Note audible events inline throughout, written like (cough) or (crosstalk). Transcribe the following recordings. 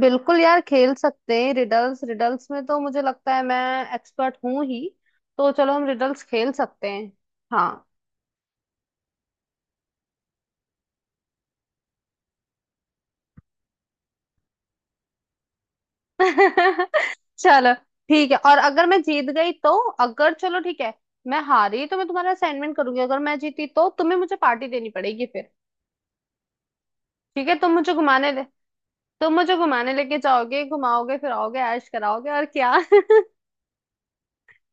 बिल्कुल यार, खेल सकते हैं रिडल्स। रिडल्स में तो मुझे लगता है मैं एक्सपर्ट हूं ही। तो चलो हम रिडल्स खेल सकते हैं। हाँ। (laughs) चलो ठीक है। और अगर मैं जीत गई तो, अगर, चलो ठीक है। मैं हारी तो मैं तुम्हारा असाइनमेंट करूंगी, अगर मैं जीती तो तुम्हें मुझे पार्टी देनी पड़ेगी फिर। ठीक है, तुम मुझे घुमाने लेके जाओगे, घुमाओगे, फिराओगे, ऐश कराओगे, और क्या। (laughs)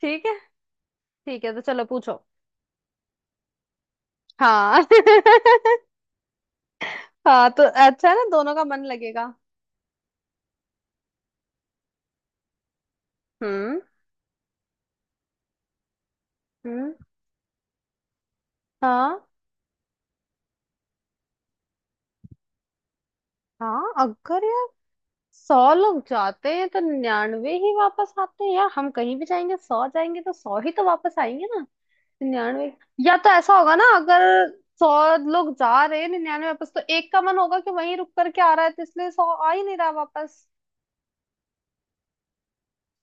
ठीक है। ठीक है तो चलो पूछो। हाँ। (laughs) हाँ, तो अच्छा है ना, दोनों का मन लगेगा। हम्म। हम्म। हाँ। हाँ, अगर यार 100 लोग जाते हैं तो 99 ही वापस आते हैं यार। हम कहीं भी जाएंगे, 100 जाएंगे तो 100 ही तो वापस आएंगे ना। 99, या तो ऐसा होगा ना, अगर 100 लोग जा रहे हैं 99 वापस, तो एक का मन होगा कि वहीं रुक करके आ रहा है, तो इसलिए 100 आ ही नहीं रहा वापस।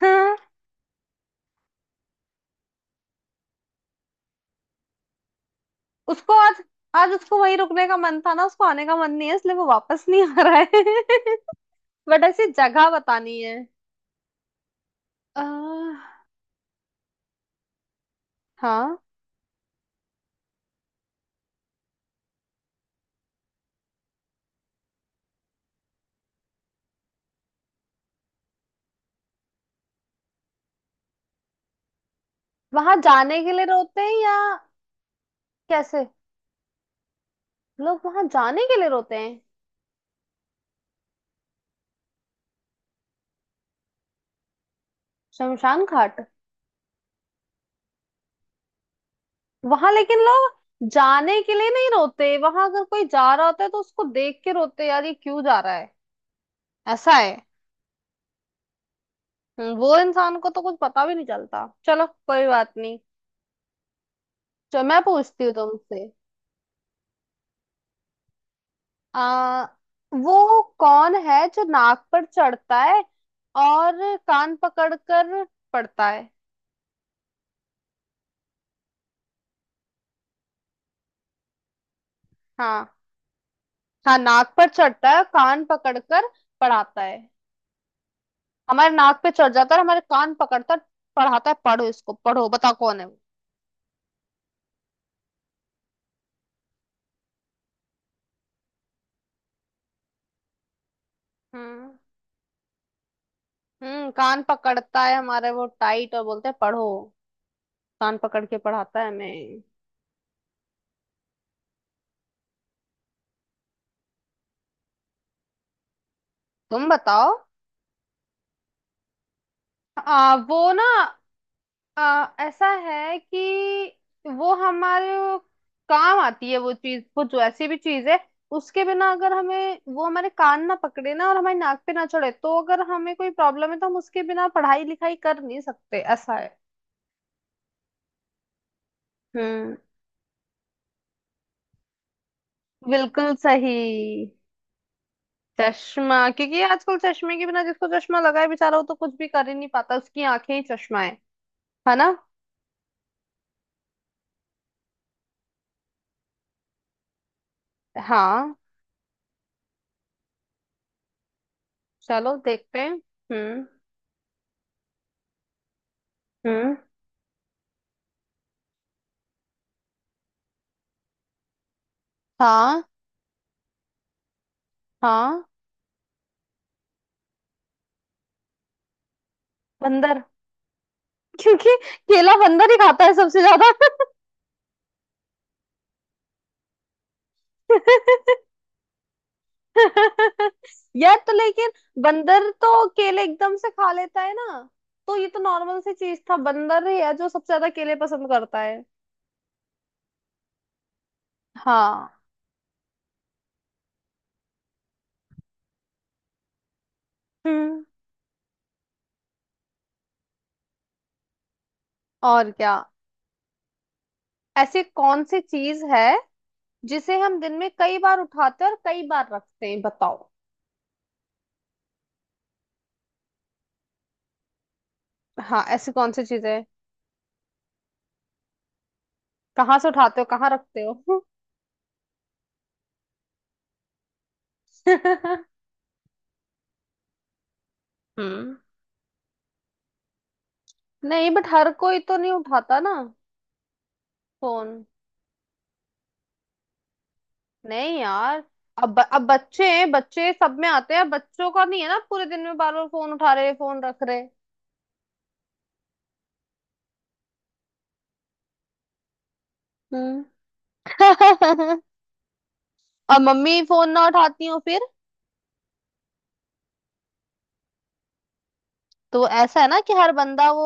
हाँ, उसको आज आज उसको वहीं रुकने का मन था ना, उसको आने का मन नहीं है इसलिए वो वापस नहीं आ रहा है। (laughs) बट ऐसी जगह बतानी है। आ, हाँ, वहां जाने के लिए रोते हैं या कैसे, लोग वहां जाने के लिए रोते हैं। शमशान घाट। वहां लेकिन लोग जाने के लिए नहीं रोते, वहां अगर कोई जा रहा होता है तो उसको देख के रोते हैं, यार ये क्यों जा रहा है, ऐसा है। वो इंसान को तो कुछ पता भी नहीं चलता, चलो कोई बात नहीं। चलो मैं पूछती हूँ तुमसे। आ वो कौन है जो नाक पर चढ़ता है और कान पकड़कर पढ़ता है? हाँ। हाँ, नाक पर चढ़ता है, कान पकड़कर पढ़ाता है। हमारे नाक पे चढ़ जाता है और हमारे कान पकड़ता है, पढ़ाता है, पढ़ो इसको, पढ़ो, बताओ कौन है वो। हम्म। कान पकड़ता है हमारे वो टाइट और बोलते हैं पढ़ो, कान पकड़ के पढ़ाता है हमें। तुम बताओ। वो ना, ऐसा है कि वो हमारे काम आती है, वो चीज, वो जो ऐसी भी चीज है, उसके बिना, अगर हमें, वो हमारे कान ना पकड़े ना और हमारी नाक पे ना चढ़े, तो अगर हमें कोई प्रॉब्लम है तो हम उसके बिना पढ़ाई लिखाई कर नहीं सकते, ऐसा है। हम्म। बिल्कुल सही। चश्मा! क्योंकि आजकल चश्मे के बिना, जिसको चश्मा लगा है बेचारा, वो तो कुछ भी कर ही नहीं पाता, उसकी आंखें ही चश्मा है ना। हाँ। चलो देखते हैं। हम्म। हम्म। हाँ। हाँ। बंदर। (laughs) क्योंकि केला बंदर ही खाता है सबसे ज्यादा। (laughs) यार तो, लेकिन बंदर तो केले एकदम से खा लेता है ना, तो ये तो नॉर्मल सी चीज था, बंदर ही है जो सबसे ज्यादा केले पसंद करता है। हाँ। हम्म। और क्या। ऐसी कौन सी चीज है जिसे हम दिन में कई बार उठाते हैं और कई बार रखते हैं, बताओ? हाँ, ऐसी कौन सी चीज है। कहाँ से उठाते हो, कहाँ रखते हो? (laughs) हम्म। नहीं, बट हर कोई तो नहीं उठाता ना, फोन। नहीं यार, अब बच्चे हैं, बच्चे सब में आते हैं, बच्चों का नहीं है ना पूरे दिन में बार बार फोन उठा रहे फोन रख रहे। हम्म। (laughs) और मम्मी फोन ना उठाती हो फिर? तो ऐसा है ना कि हर बंदा वो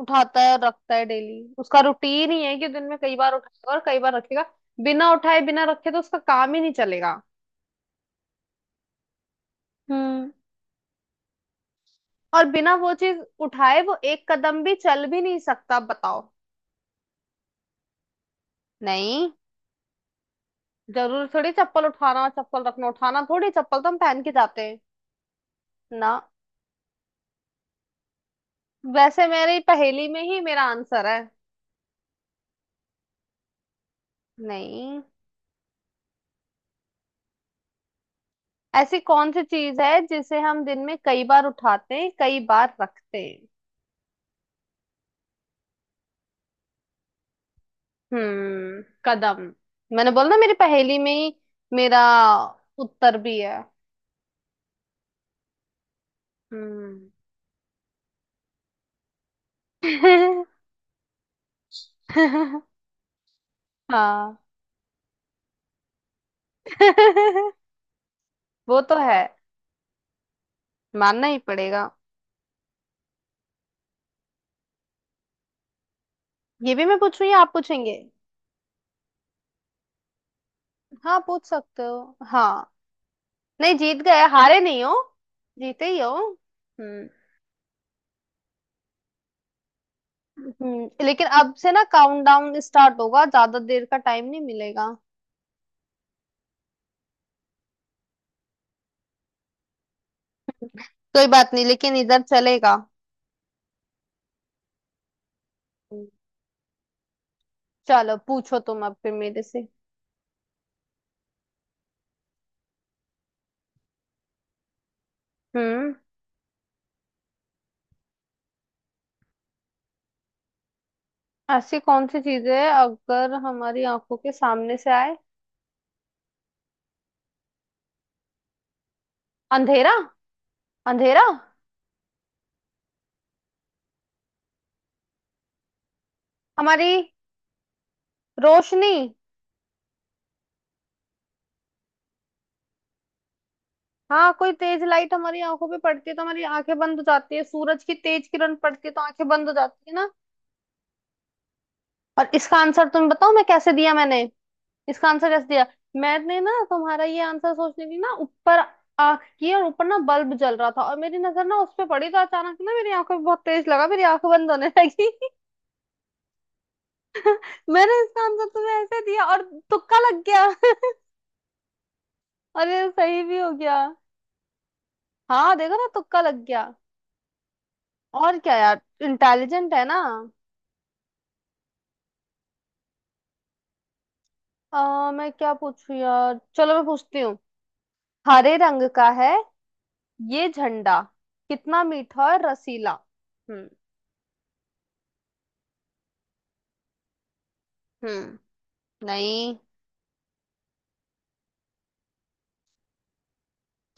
उठाता है और रखता है, डेली उसका रूटीन ही है कि दिन में कई बार उठाएगा और कई बार रखेगा, बिना उठाए बिना रखे तो उसका काम ही नहीं चलेगा। हम्म। और बिना वो चीज उठाए वो एक कदम भी चल भी नहीं सकता, बताओ। नहीं, जरूर थोड़ी चप्पल उठाना चप्पल रखना उठाना थोड़ी, चप्पल तो हम पहन के जाते हैं ना। वैसे मेरी पहेली में ही मेरा आंसर है। नहीं। ऐसी कौन सी चीज है जिसे हम दिन में कई बार उठाते हैं, कई बार रखते हैं। हम्म, कदम। मैंने बोला ना, मेरी पहेली में ही मेरा उत्तर भी है। हम्म। (laughs) हाँ। (laughs) वो तो है, मानना ही पड़ेगा। ये भी मैं पूछूं या आप पूछेंगे? हाँ, पूछ सकते हो। हाँ, नहीं जीत गए, हारे नहीं हो, जीते ही हो। हम्म। लेकिन अब से ना काउंटडाउन स्टार्ट होगा, ज्यादा देर का टाइम नहीं मिलेगा। कोई बात नहीं, लेकिन इधर चलेगा। हम्म, चलो पूछो तुम अब फिर मेरे से। हम्म। ऐसी कौन सी चीज है अगर हमारी आंखों के सामने से आए? अंधेरा। अंधेरा। हमारी रोशनी। हाँ, कोई तेज लाइट हमारी आंखों पे पड़ती है तो हमारी आंखें बंद हो जाती है, सूरज की तेज किरण पड़ती है तो आंखें बंद हो जाती है ना। और इसका आंसर तुम बताओ मैं कैसे दिया मैंने, इसका आंसर कैसे दिया। मैंने ना तुम्हारा ये आंसर सोचने की ना, ऊपर आंख की और ऊपर ना बल्ब जल रहा था, और मेरी नजर ना उस पे पड़ी, तो अचानक ना मेरी आंखों में बहुत तेज लगा, मेरी आंख बंद होने लगी। (laughs) मैंने इसका आंसर तुम्हें ऐसे दिया। और तुक्का लग गया। अरे सही भी हो गया। हाँ देखो ना, तुक्का लग गया। और क्या यार, इंटेलिजेंट है ना। मैं क्या पूछू यार, चलो मैं पूछती हूँ। हरे रंग का है ये झंडा, कितना मीठा और रसीला। हम्म। हम्म। नहीं,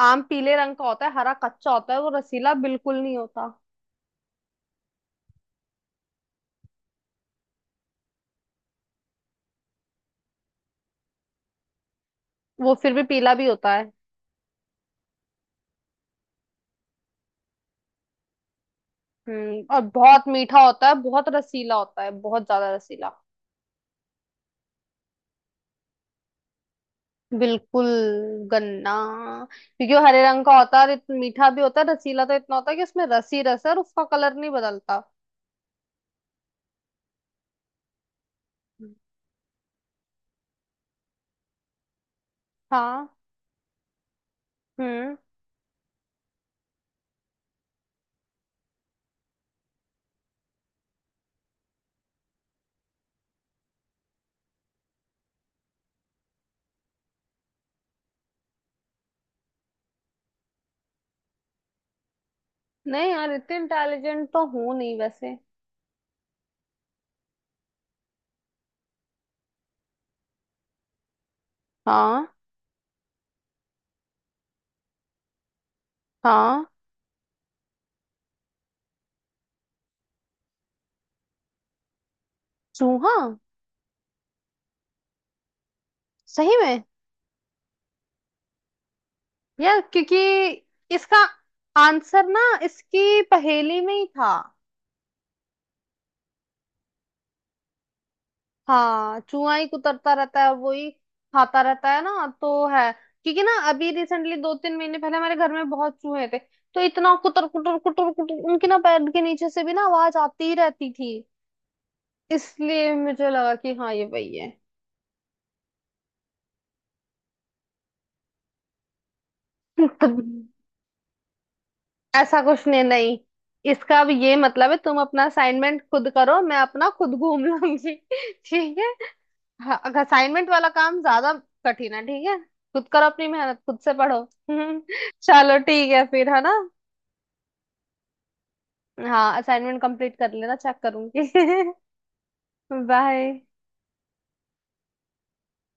आम पीले रंग का होता है, हरा कच्चा होता है, वो रसीला बिल्कुल नहीं होता। वो फिर भी पीला भी होता है। और बहुत मीठा होता है, बहुत रसीला होता है, बहुत ज्यादा रसीला। बिल्कुल, गन्ना। क्योंकि वो हरे रंग का होता है और इतना मीठा भी होता है, रसीला तो इतना होता है कि उसमें रस ही रस है, और उसका कलर नहीं बदलता। हाँ। हम्म। नहीं यार, इतने इंटेलिजेंट तो हूँ नहीं वैसे। हाँ हाँ, चूहा। सही में। यार क्योंकि इसका आंसर ना, इसकी पहेली में ही था। हाँ, चूहा ही कुतरता रहता है, वही खाता रहता है ना, तो है। क्योंकि ना अभी रिसेंटली दो तीन महीने पहले हमारे घर में बहुत चूहे थे, तो इतना कुतर कुतर कुतर कुतर, उनके ना पैर के नीचे से भी ना आवाज आती ही रहती थी, इसलिए मुझे लगा कि हाँ ये वही है। (laughs) ऐसा कुछ नहीं, नहीं, इसका अब ये मतलब है तुम अपना असाइनमेंट खुद करो, मैं अपना खुद घूम लूंगी। (laughs) ठीक है। हाँ, असाइनमेंट वाला काम ज्यादा कठिन है, ठीक है, खुद करो, अपनी मेहनत खुद से पढ़ो। (laughs) चलो ठीक है फिर, है ना। हाँ, असाइनमेंट कंप्लीट कर लेना, चेक करूंगी। (laughs) बाय।